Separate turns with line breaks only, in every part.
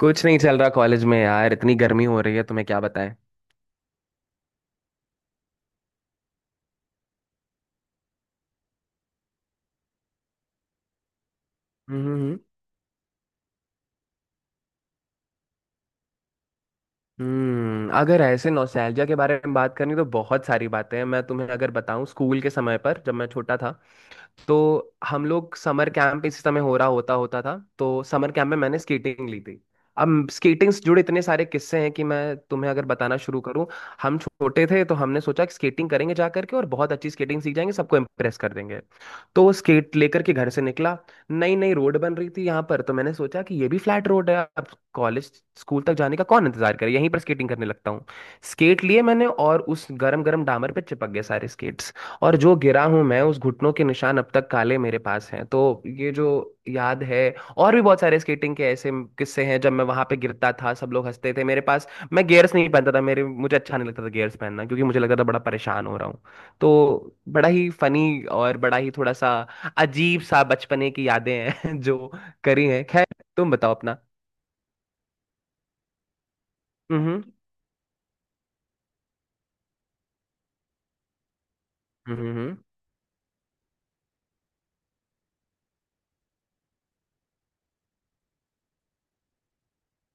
कुछ नहीं चल रहा कॉलेज में यार, इतनी गर्मी हो रही है तुम्हें क्या बताएं। हम्म। अगर ऐसे नॉस्टैल्जिया के बारे में बात करनी तो बहुत सारी बातें हैं, मैं तुम्हें अगर बताऊं स्कूल के समय पर जब मैं छोटा था तो हम लोग समर कैंप इसी समय हो रहा होता होता था, तो समर कैंप में मैंने स्केटिंग ली थी। अब स्केटिंग से जुड़े इतने सारे किस्से हैं कि मैं तुम्हें अगर बताना शुरू करूं। हम छोटे थे तो हमने सोचा कि स्केटिंग करेंगे जा करके और बहुत अच्छी स्केटिंग सीख जाएंगे, सबको इम्प्रेस कर देंगे। तो स्केट लेकर के घर से निकला। नई नई रोड बन रही थी यहाँ पर, तो मैंने सोचा कि ये भी फ्लैट रोड है अब। कॉलेज स्कूल तक जाने का कौन इंतजार करे, यहीं पर स्केटिंग करने लगता हूँ। स्केट लिए मैंने और उस गरम गरम डामर पे चिपक गए सारे स्केट्स। और जो गिरा हूं मैं, उस घुटनों के निशान अब तक काले मेरे पास हैं, तो ये जो याद है। और भी बहुत सारे स्केटिंग के ऐसे किस्से हैं, जब मैं वहां पे गिरता था सब लोग हंसते थे मेरे पास। मैं गियर्स नहीं पहनता था, मेरे मुझे अच्छा नहीं लगता था गियर्स पहनना, क्योंकि मुझे लगता था बड़ा परेशान हो रहा हूँ। तो बड़ा ही फनी और बड़ा ही थोड़ा सा अजीब सा बचपने की यादें हैं जो करी हैं। खैर, तुम बताओ अपना। हम्म हम्म। हम्म।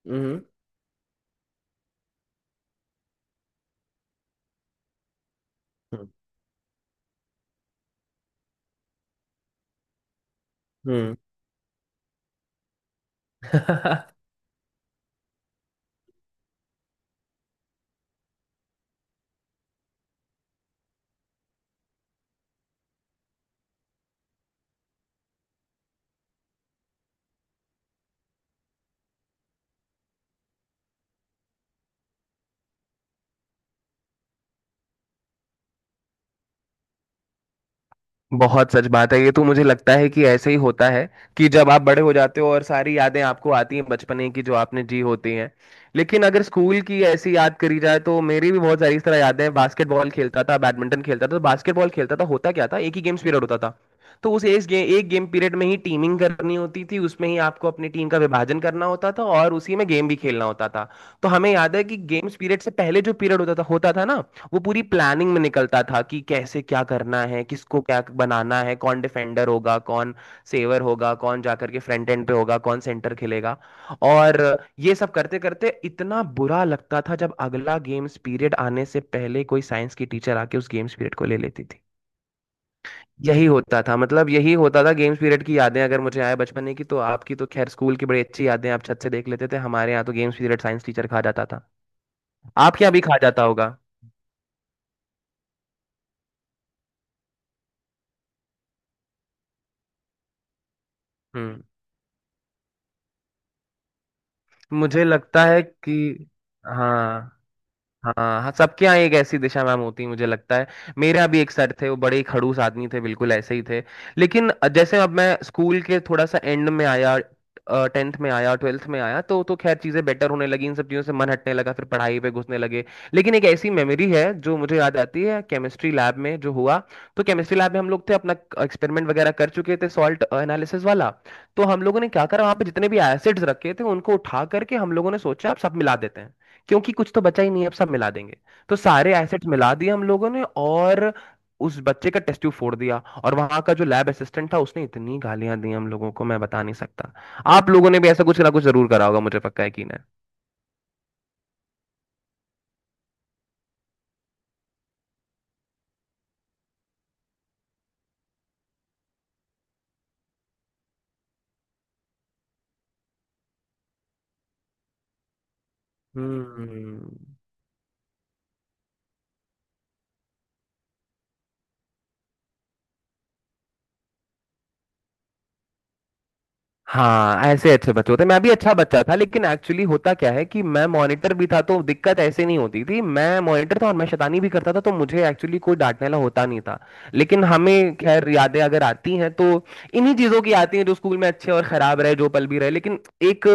हम्म। हम्म। हम्म। हम्म। बहुत सच बात है ये, तो मुझे लगता है कि ऐसे ही होता है, कि जब आप बड़े हो जाते हो और सारी यादें आपको आती हैं बचपने की जो आपने जी होती हैं। लेकिन अगर स्कूल की ऐसी याद करी जाए तो मेरी भी बहुत सारी इस तरह यादें हैं। बास्केटबॉल खेलता था, बैडमिंटन खेलता था, तो बास्केटबॉल खेलता था, होता क्या था, एक ही गेम्स पीरियड होता था। तो उस एक गेम पीरियड में ही टीमिंग करनी होती थी, उसमें ही आपको अपनी टीम का विभाजन करना होता था और उसी में गेम भी खेलना होता था। तो हमें याद है कि गेम्स पीरियड से पहले जो पीरियड होता था ना, वो पूरी प्लानिंग में निकलता था कि कैसे क्या करना है, किसको क्या बनाना है, कौन डिफेंडर होगा, कौन सेवर होगा, कौन जाकर के फ्रंट एंड पे होगा, कौन सेंटर खेलेगा। और ये सब करते करते इतना बुरा लगता था जब अगला गेम्स पीरियड आने से पहले कोई साइंस की टीचर आके उस गेम्स पीरियड को ले लेती थी। यही होता था, मतलब यही होता था। गेम्स पीरियड की यादें अगर मुझे आए बचपने की, तो आपकी तो खैर स्कूल की बड़ी अच्छी यादें, आप छत से देख लेते थे। हमारे यहाँ तो गेम्स पीरियड साइंस टीचर खा जाता था। आपके यहाँ भी खा जाता होगा। हम्म। मुझे लगता है कि, हाँ, हाँ, हाँ, सबके यहाँ एक ऐसी दिशा मैम होती है मुझे लगता है। मेरे यहाँ भी एक सर थे, वो बड़े ही खड़ूस आदमी थे, बिल्कुल ऐसे ही थे। लेकिन जैसे अब मैं स्कूल के थोड़ा सा एंड में आया, टेंथ में आया, ट्वेल्थ में आया, तो खैर चीज़ें बेटर होने लगी, इन सब चीज़ों से मन हटने लगा, फिर पढ़ाई पे घुसने लगे। लेकिन एक ऐसी मेमोरी है जो मुझे याद आती है, केमिस्ट्री लैब में जो हुआ। तो केमिस्ट्री लैब में हम लोग थे, अपना एक्सपेरिमेंट वगैरह कर चुके थे सॉल्ट एनालिसिस वाला। तो हम लोगों ने क्या करा, वहाँ पे जितने भी एसिड्स रखे थे उनको उठा करके हम लोगों ने सोचा आप सब मिला देते हैं, क्योंकि कुछ तो बचा ही नहीं है, अब सब मिला देंगे। तो सारे एसेट्स मिला दिए हम लोगों ने, और उस बच्चे का टेस्ट ट्यूब फोड़ दिया। और वहां का जो लैब असिस्टेंट था उसने इतनी गालियां दी हम लोगों को, मैं बता नहीं सकता। आप लोगों ने भी ऐसा कुछ ना कुछ जरूर करा होगा, मुझे पक्का यकीन है। हम्म। हाँ, ऐसे अच्छे बच्चे होते हैं। मैं भी अच्छा बच्चा था, लेकिन एक्चुअली होता क्या है कि मैं मॉनिटर भी था, तो दिक्कत ऐसे नहीं होती थी। मैं मॉनिटर था और मैं शैतानी भी करता था, तो मुझे एक्चुअली कोई डांटने वाला होता नहीं था। लेकिन हमें खैर यादें अगर आती हैं तो इन्हीं चीज़ों की आती हैं, जो स्कूल में अच्छे और खराब रहे, जो पल भी रहे। लेकिन एक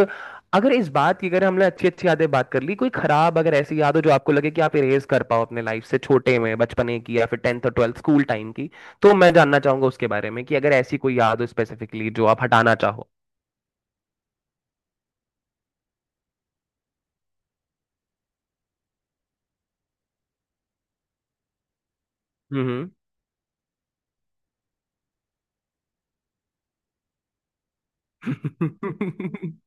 अगर इस बात की अगर हमने अच्छी अच्छी यादें बात कर ली, कोई खराब अगर ऐसी याद हो जो आपको लगे कि आप इरेज कर पाओ अपने लाइफ से, छोटे में बचपने की या फिर टेंथ और ट्वेल्थ स्कूल टाइम की, तो मैं जानना चाहूंगा उसके बारे में कि अगर ऐसी कोई याद हो स्पेसिफिकली जो आप हटाना चाहो। हम्म।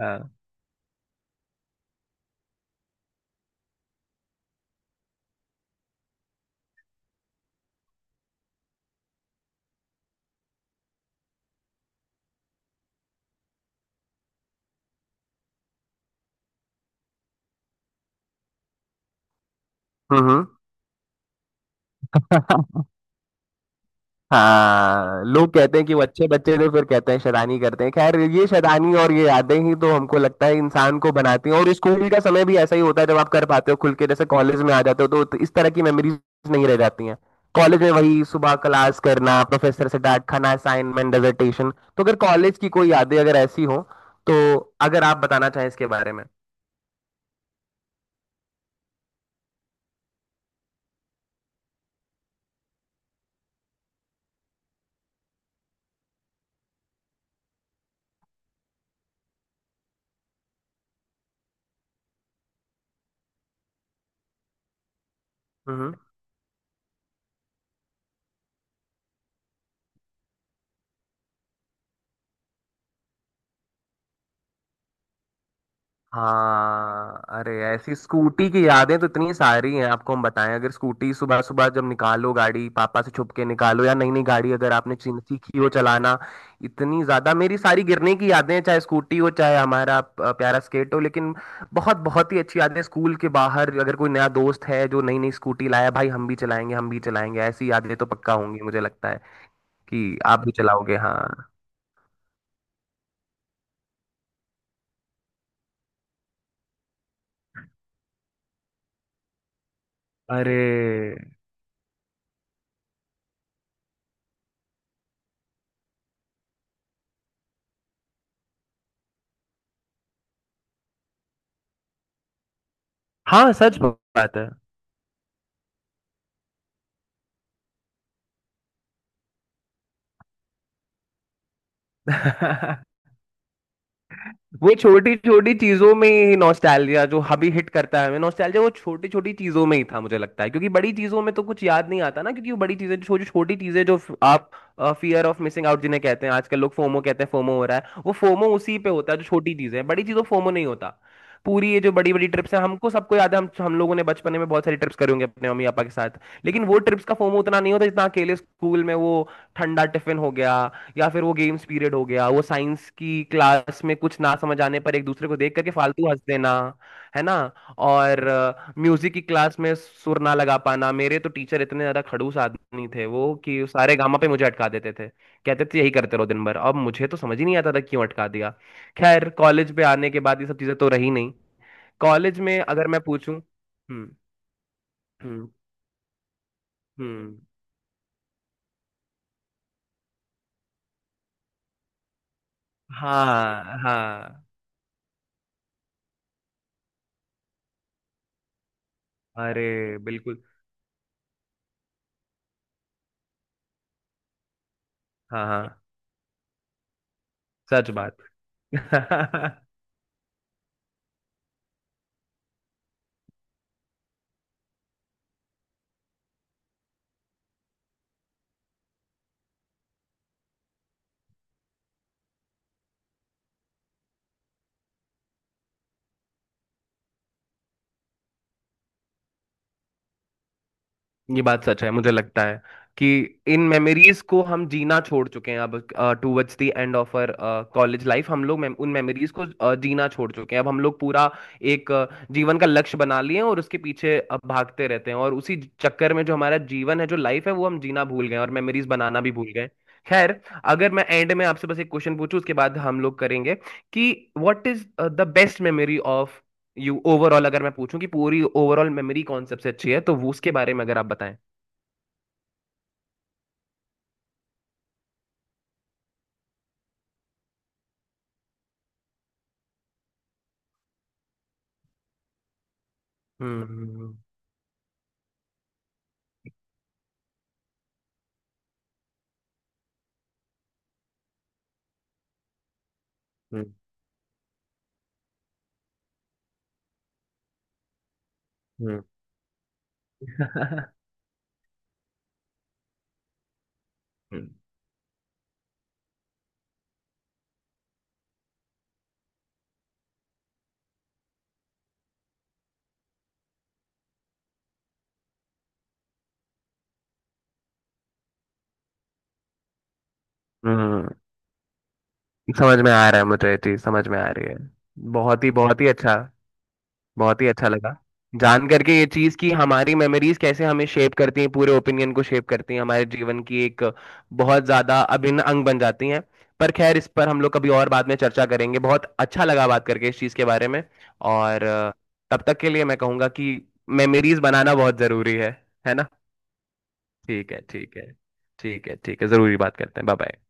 हाँ। हम्म। हाँ, लोग कहते हैं कि वो अच्छे बच्चे थे, फिर कहते हैं शैतानी करते हैं। खैर, ये शैतानी और ये यादें ही तो हमको लगता है इंसान को बनाती हैं, और स्कूल का समय भी ऐसा ही होता है जब आप कर पाते हो खुल के। जैसे कॉलेज में आ जाते हो तो इस तरह की मेमोरीज नहीं रह जाती हैं। कॉलेज में वही सुबह क्लास करना, प्रोफेसर से डांट खाना, असाइनमेंट, डिसर्टेशन। तो अगर कॉलेज की कोई यादें अगर ऐसी हो, तो अगर आप बताना चाहें इसके बारे में। हम्म। हाँ, अरे ऐसी स्कूटी की यादें तो इतनी सारी हैं, आपको हम बताएं। अगर स्कूटी सुबह सुबह जब निकालो, गाड़ी पापा से छुप के निकालो, या नई नई गाड़ी अगर आपने सीखी हो चलाना। इतनी ज्यादा मेरी सारी गिरने की यादें हैं, चाहे स्कूटी हो चाहे हमारा प्यारा स्केट हो, लेकिन बहुत बहुत ही अच्छी यादें हैं। स्कूल के बाहर अगर कोई नया दोस्त है जो नई नई स्कूटी लाया, भाई हम भी चलाएंगे हम भी चलाएंगे, ऐसी यादें तो पक्का होंगी मुझे लगता है कि आप भी चलाओगे। हाँ। अरे, हाँ, सच बात है। वो छोटी छोटी चीजों में ही नॉस्टैल्जिया, जो अभी हिट करता है हमें नॉस्टैल्जिया, वो छोटी छोटी चीजों में ही था मुझे लगता है, क्योंकि बड़ी चीजों में तो कुछ याद नहीं आता ना, क्योंकि वो बड़ी चीजें, छोटी छोटी चीजें जो आप फियर ऑफ मिसिंग आउट जिन्हें कहते हैं, आजकल लोग फोमो कहते हैं, फोमो हो रहा है। वो फोमो उसी पे होता है जो छोटी चीजें हैं, बड़ी चीजों फोमो नहीं होता। पूरी ये जो बड़ी बड़ी ट्रिप्स हैं, हमको सबको याद है, हम लोगों ने बचपने में बहुत सारी ट्रिप्स करी होंगी अपने मम्मी पापा के साथ। लेकिन वो ट्रिप्स का फोमो उतना नहीं होता जितना अकेले स्कूल में वो ठंडा टिफिन हो गया, या फिर वो गेम्स पीरियड हो गया, वो साइंस की क्लास में कुछ ना समझ आने पर एक दूसरे को देख करके फालतू हंस देना, है ना। और म्यूजिक की क्लास में सुर ना लगा पाना, मेरे तो टीचर इतने ज्यादा खड़ूस आदमी थे वो कि सारे गामा पे मुझे अटका देते थे, कहते थे यही करते रहो दिन भर, अब मुझे तो समझ ही नहीं आता था क्यों अटका दिया। खैर कॉलेज पे आने के बाद ये सब चीजें तो रही नहीं, कॉलेज में अगर मैं पूछूं। हम्म। हम्म। हम्म। हाँ। हाँ। अरे, बिल्कुल। हाँ। हाँ, सच बात। ये बात सच है, मुझे लगता है कि इन मेमोरीज को हम जीना छोड़ चुके हैं अब। Towards the end of our college life हम लोग उन मेमोरीज को जीना छोड़ चुके हैं। अब हम लोग पूरा एक जीवन का लक्ष्य बना लिए हैं, और उसके पीछे अब भागते रहते हैं, और उसी चक्कर में जो हमारा जीवन है, जो लाइफ है, वो हम जीना भूल गए हैं और मेमोरीज बनाना भी भूल गए। खैर, अगर मैं एंड में आपसे बस एक क्वेश्चन पूछूं, उसके बाद हम लोग करेंगे, कि what is the best memory of you, overall अगर मैं पूछूं कि पूरी ओवरऑल मेमोरी कौन सबसे अच्छी है तो वो, उसके बारे में अगर आप बताएं। हम्म। हम्म। हम्म। हम्म। हम्म। हम्म, समझ में आ रहा है, मुझे ये चीज समझ में आ रही है। बहुत ही अच्छा, बहुत ही अच्छा लगा जान करके ये चीज़ कि हमारी मेमोरीज कैसे हमें शेप करती हैं, पूरे ओपिनियन को शेप करती हैं, हमारे जीवन की एक बहुत ज़्यादा अभिन्न अंग बन जाती हैं। पर खैर इस पर हम लोग कभी और बाद में चर्चा करेंगे, बहुत अच्छा लगा बात करके इस चीज़ के बारे में। और तब तक के लिए मैं कहूँगा कि मेमोरीज बनाना बहुत ज़रूरी है। है ना। ठीक है, ठीक है। ठीक है, ठीक है, ज़रूरी। बात करते हैं। Bye bye.